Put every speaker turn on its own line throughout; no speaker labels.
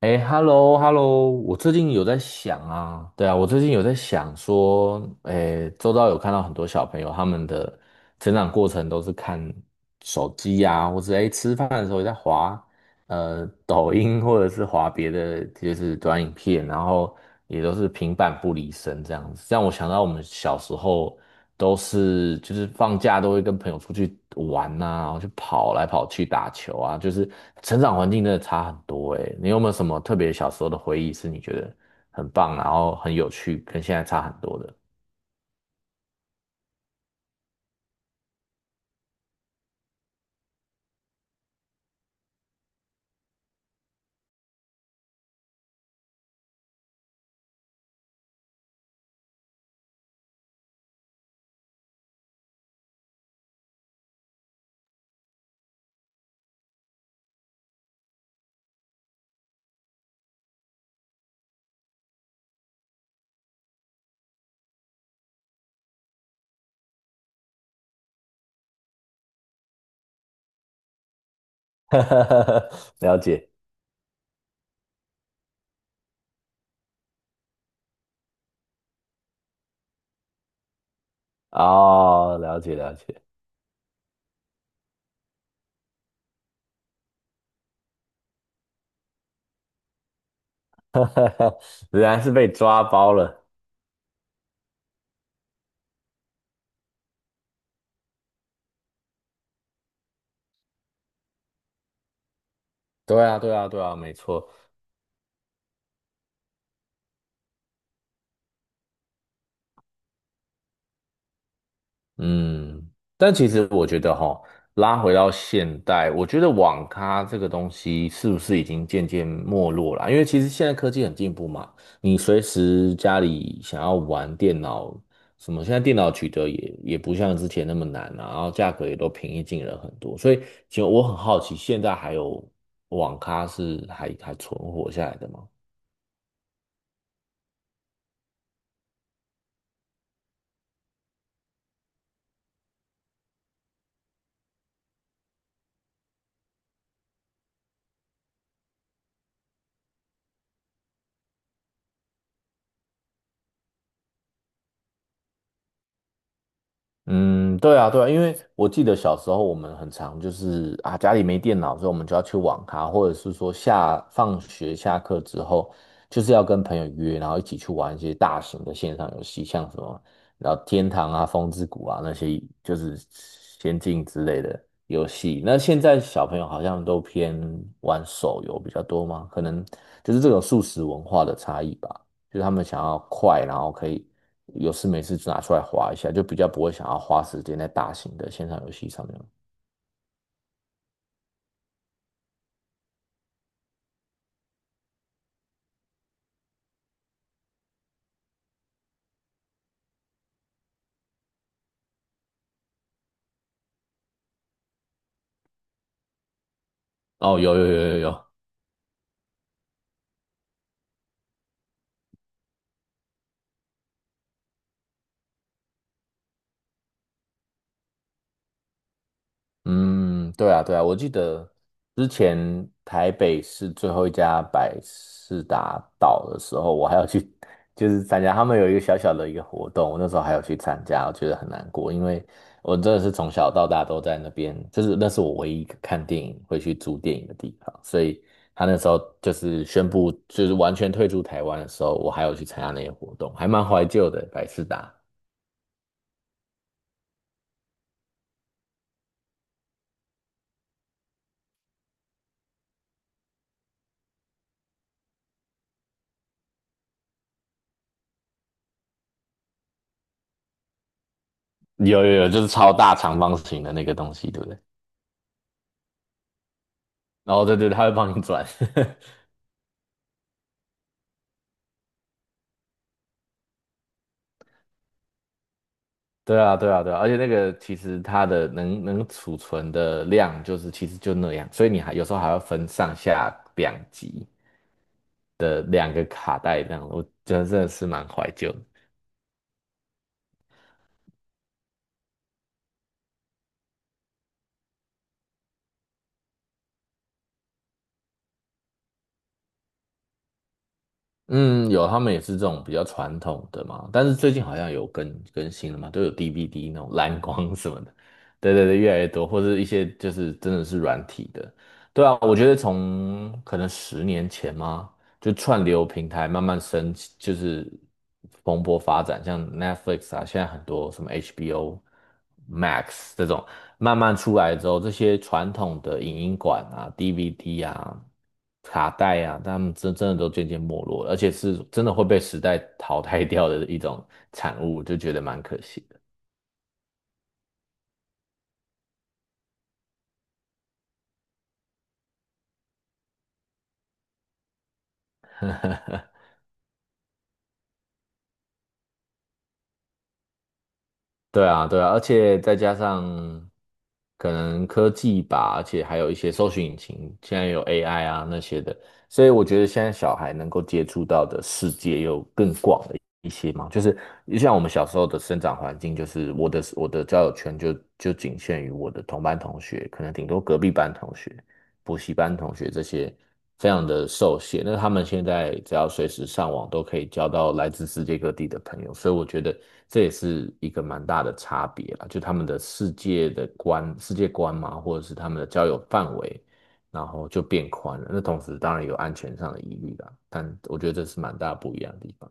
哎，hello，hello，我最近有在想啊，对啊，我最近有在想说，哎，周遭有看到很多小朋友他们的成长过程都是看手机呀、或者吃饭的时候也在滑抖音，或者是滑别的，就是短影片，然后也都是平板不离身这样子。让我想到我们小时候都是就是放假都会跟朋友出去玩呐，然后去跑来跑去打球啊，就是成长环境真的差很多诶，你有没有什么特别小时候的回忆是你觉得很棒，然后很有趣，跟现在差很多的？了解。哦，了解了解。原来是被抓包了。对啊，对啊，对啊，没错。嗯，但其实我觉得哈，拉回到现代，我觉得网咖这个东西是不是已经渐渐没落了啊？因为其实现在科技很进步嘛，你随时家里想要玩电脑什么，现在电脑取得也不像之前那么难了，啊然后价格也都平易近人很多，所以其实我很好奇，现在还有网咖是还存活下来的吗？嗯，对啊，对啊，因为我记得小时候我们很常就是啊，家里没电脑，所以我们就要去网咖，或者是说下放学下课之后，就是要跟朋友约，然后一起去玩一些大型的线上游戏，像什么，然后天堂啊、风之谷啊那些，就是仙境之类的游戏。那现在小朋友好像都偏玩手游比较多吗？可能就是这种素食文化的差异吧。就是他们想要快，然后可以有事没事就拿出来滑一下，就比较不会想要花时间在大型的线上游戏上面。哦，有有有有有。嗯，对啊，对啊，我记得之前台北市最后一家百事达倒的时候，我还要去，就是参加他们有一个小小的一个活动，我那时候还有去参加，我觉得很难过，因为我真的是从小到大都在那边，就是那是我唯一一个看电影会去租电影的地方，所以他那时候就是宣布就是完全退出台湾的时候，我还有去参加那些活动，还蛮怀旧的，百事达。有有有，就是超大长方形的那个东西，对不对？哦，对对，他会帮你转。对啊，对啊，对啊，而且那个其实它的能储存的量就是其实就那样，所以你还有时候还要分上下两级的两个卡带这样，我觉得真的是蛮怀旧的。嗯，有，他们也是这种比较传统的嘛，但是最近好像有更新了嘛，都有 DVD 那种蓝光什么的，对对对，越来越多，或是一些就是真的是软体的。对啊，我觉得从可能10年前吗？就串流平台慢慢升起，就是蓬勃发展，像 Netflix 啊，现在很多什么 HBO Max 这种慢慢出来之后，这些传统的影音馆啊、DVD 啊、卡带啊，他们真的都渐渐没落了，而且是真的会被时代淘汰掉的一种产物，就觉得蛮可惜。对啊，对啊，而且再加上可能科技吧，而且还有一些搜寻引擎，现在有 AI 啊那些的，所以我觉得现在小孩能够接触到的世界又更广了一些嘛。就是就像我们小时候的生长环境，就是我的交友圈就仅限于我的同班同学，可能顶多隔壁班同学。补习班同学这些非常的受限。那他们现在只要随时上网，都可以交到来自世界各地的朋友，所以我觉得这也是一个蛮大的差别啦，就他们的世界的观、世界观嘛，或者是他们的交友范围，然后就变宽了。那同时当然有安全上的疑虑啦，但我觉得这是蛮大不一样的地方。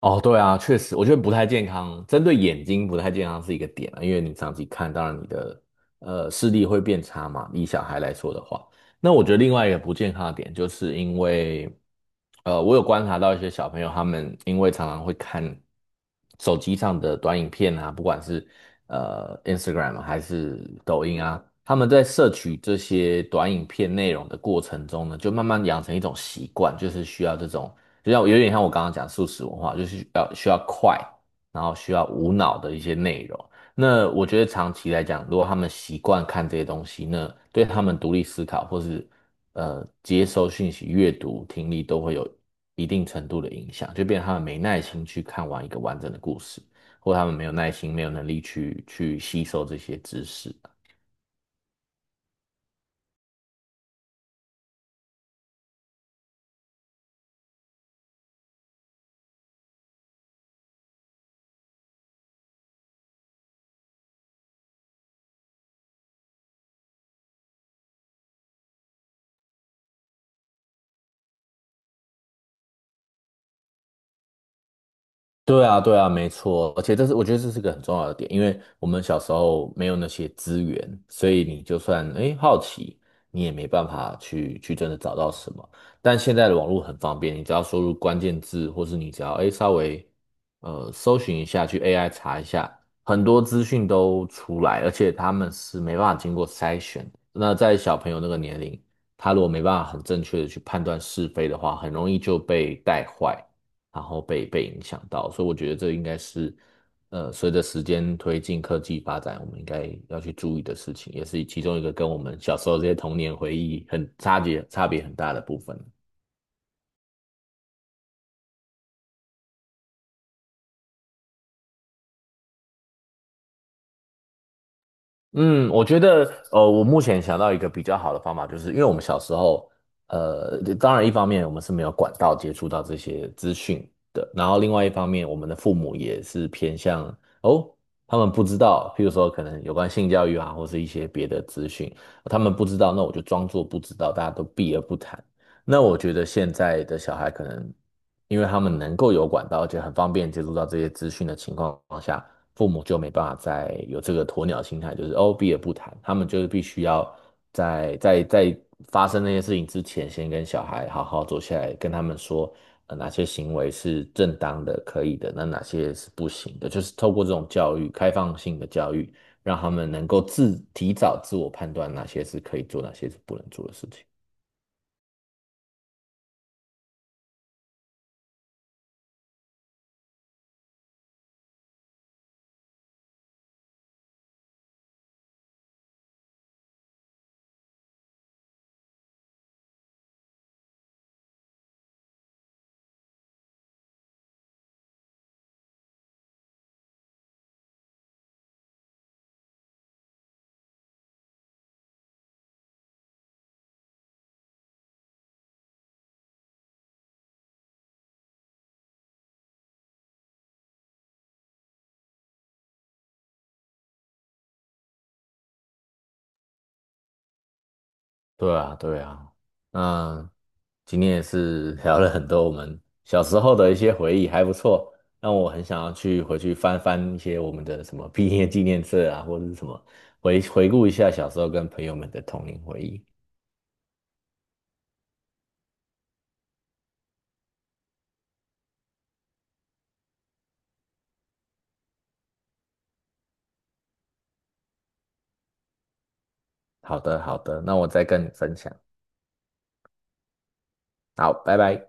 哦，对啊，确实，我觉得不太健康，针对眼睛不太健康是一个点啊，因为你长期看，当然你的视力会变差嘛。以小孩来说的话，那我觉得另外一个不健康的点，就是因为我有观察到一些小朋友，他们因为常常会看手机上的短影片啊，不管是Instagram 啊还是抖音啊，他们在摄取这些短影片内容的过程中呢，就慢慢养成一种习惯，就是需要这种就像有点像我刚刚讲素食文化，就是要需要快，然后需要无脑的一些内容。那我觉得长期来讲，如果他们习惯看这些东西，那对他们独立思考或是接收讯息、阅读、听力都会有一定程度的影响，就变成他们没耐心去看完一个完整的故事，或他们没有耐心、没有能力去吸收这些知识。对啊，对啊，没错，而且这是我觉得这是个很重要的点，因为我们小时候没有那些资源，所以你就算诶好奇，你也没办法去真的找到什么。但现在的网络很方便，你只要输入关键字，或是你只要诶稍微搜寻一下，去 AI 查一下，很多资讯都出来，而且他们是没办法经过筛选的那在小朋友那个年龄，他如果没办法很正确的去判断是非的话，很容易就被带坏。然后被影响到，所以我觉得这应该是，随着时间推进科技发展，我们应该要去注意的事情，也是其中一个跟我们小时候这些童年回忆很差别很大的部分。嗯，我觉得，我目前想到一个比较好的方法，就是因为我们小时候，当然一方面我们是没有管道接触到这些资讯的，然后另外一方面，我们的父母也是偏向哦，他们不知道，譬如说可能有关性教育啊，或是一些别的资讯，他们不知道，那我就装作不知道，大家都避而不谈。那我觉得现在的小孩可能。因为他们能够有管道，而且很方便接触到这些资讯的情况下，父母就没办法再有这个鸵鸟心态，就是哦避而不谈，他们就是必须要在发生那些事情之前，先跟小孩好好坐下来，跟他们说，哪些行为是正当的、可以的，那哪些是不行的，就是透过这种教育，开放性的教育，让他们能够提早自我判断哪些是可以做，哪些是不能做的事情。对啊，对啊。嗯。今天也是聊了很多我们小时候的一些回忆，还不错，让我很想要去回去翻翻一些我们的什么毕业纪念册啊，或者是什么回顾一下小时候跟朋友们的童年回忆。好的，好的，那我再跟你分享。好，拜拜。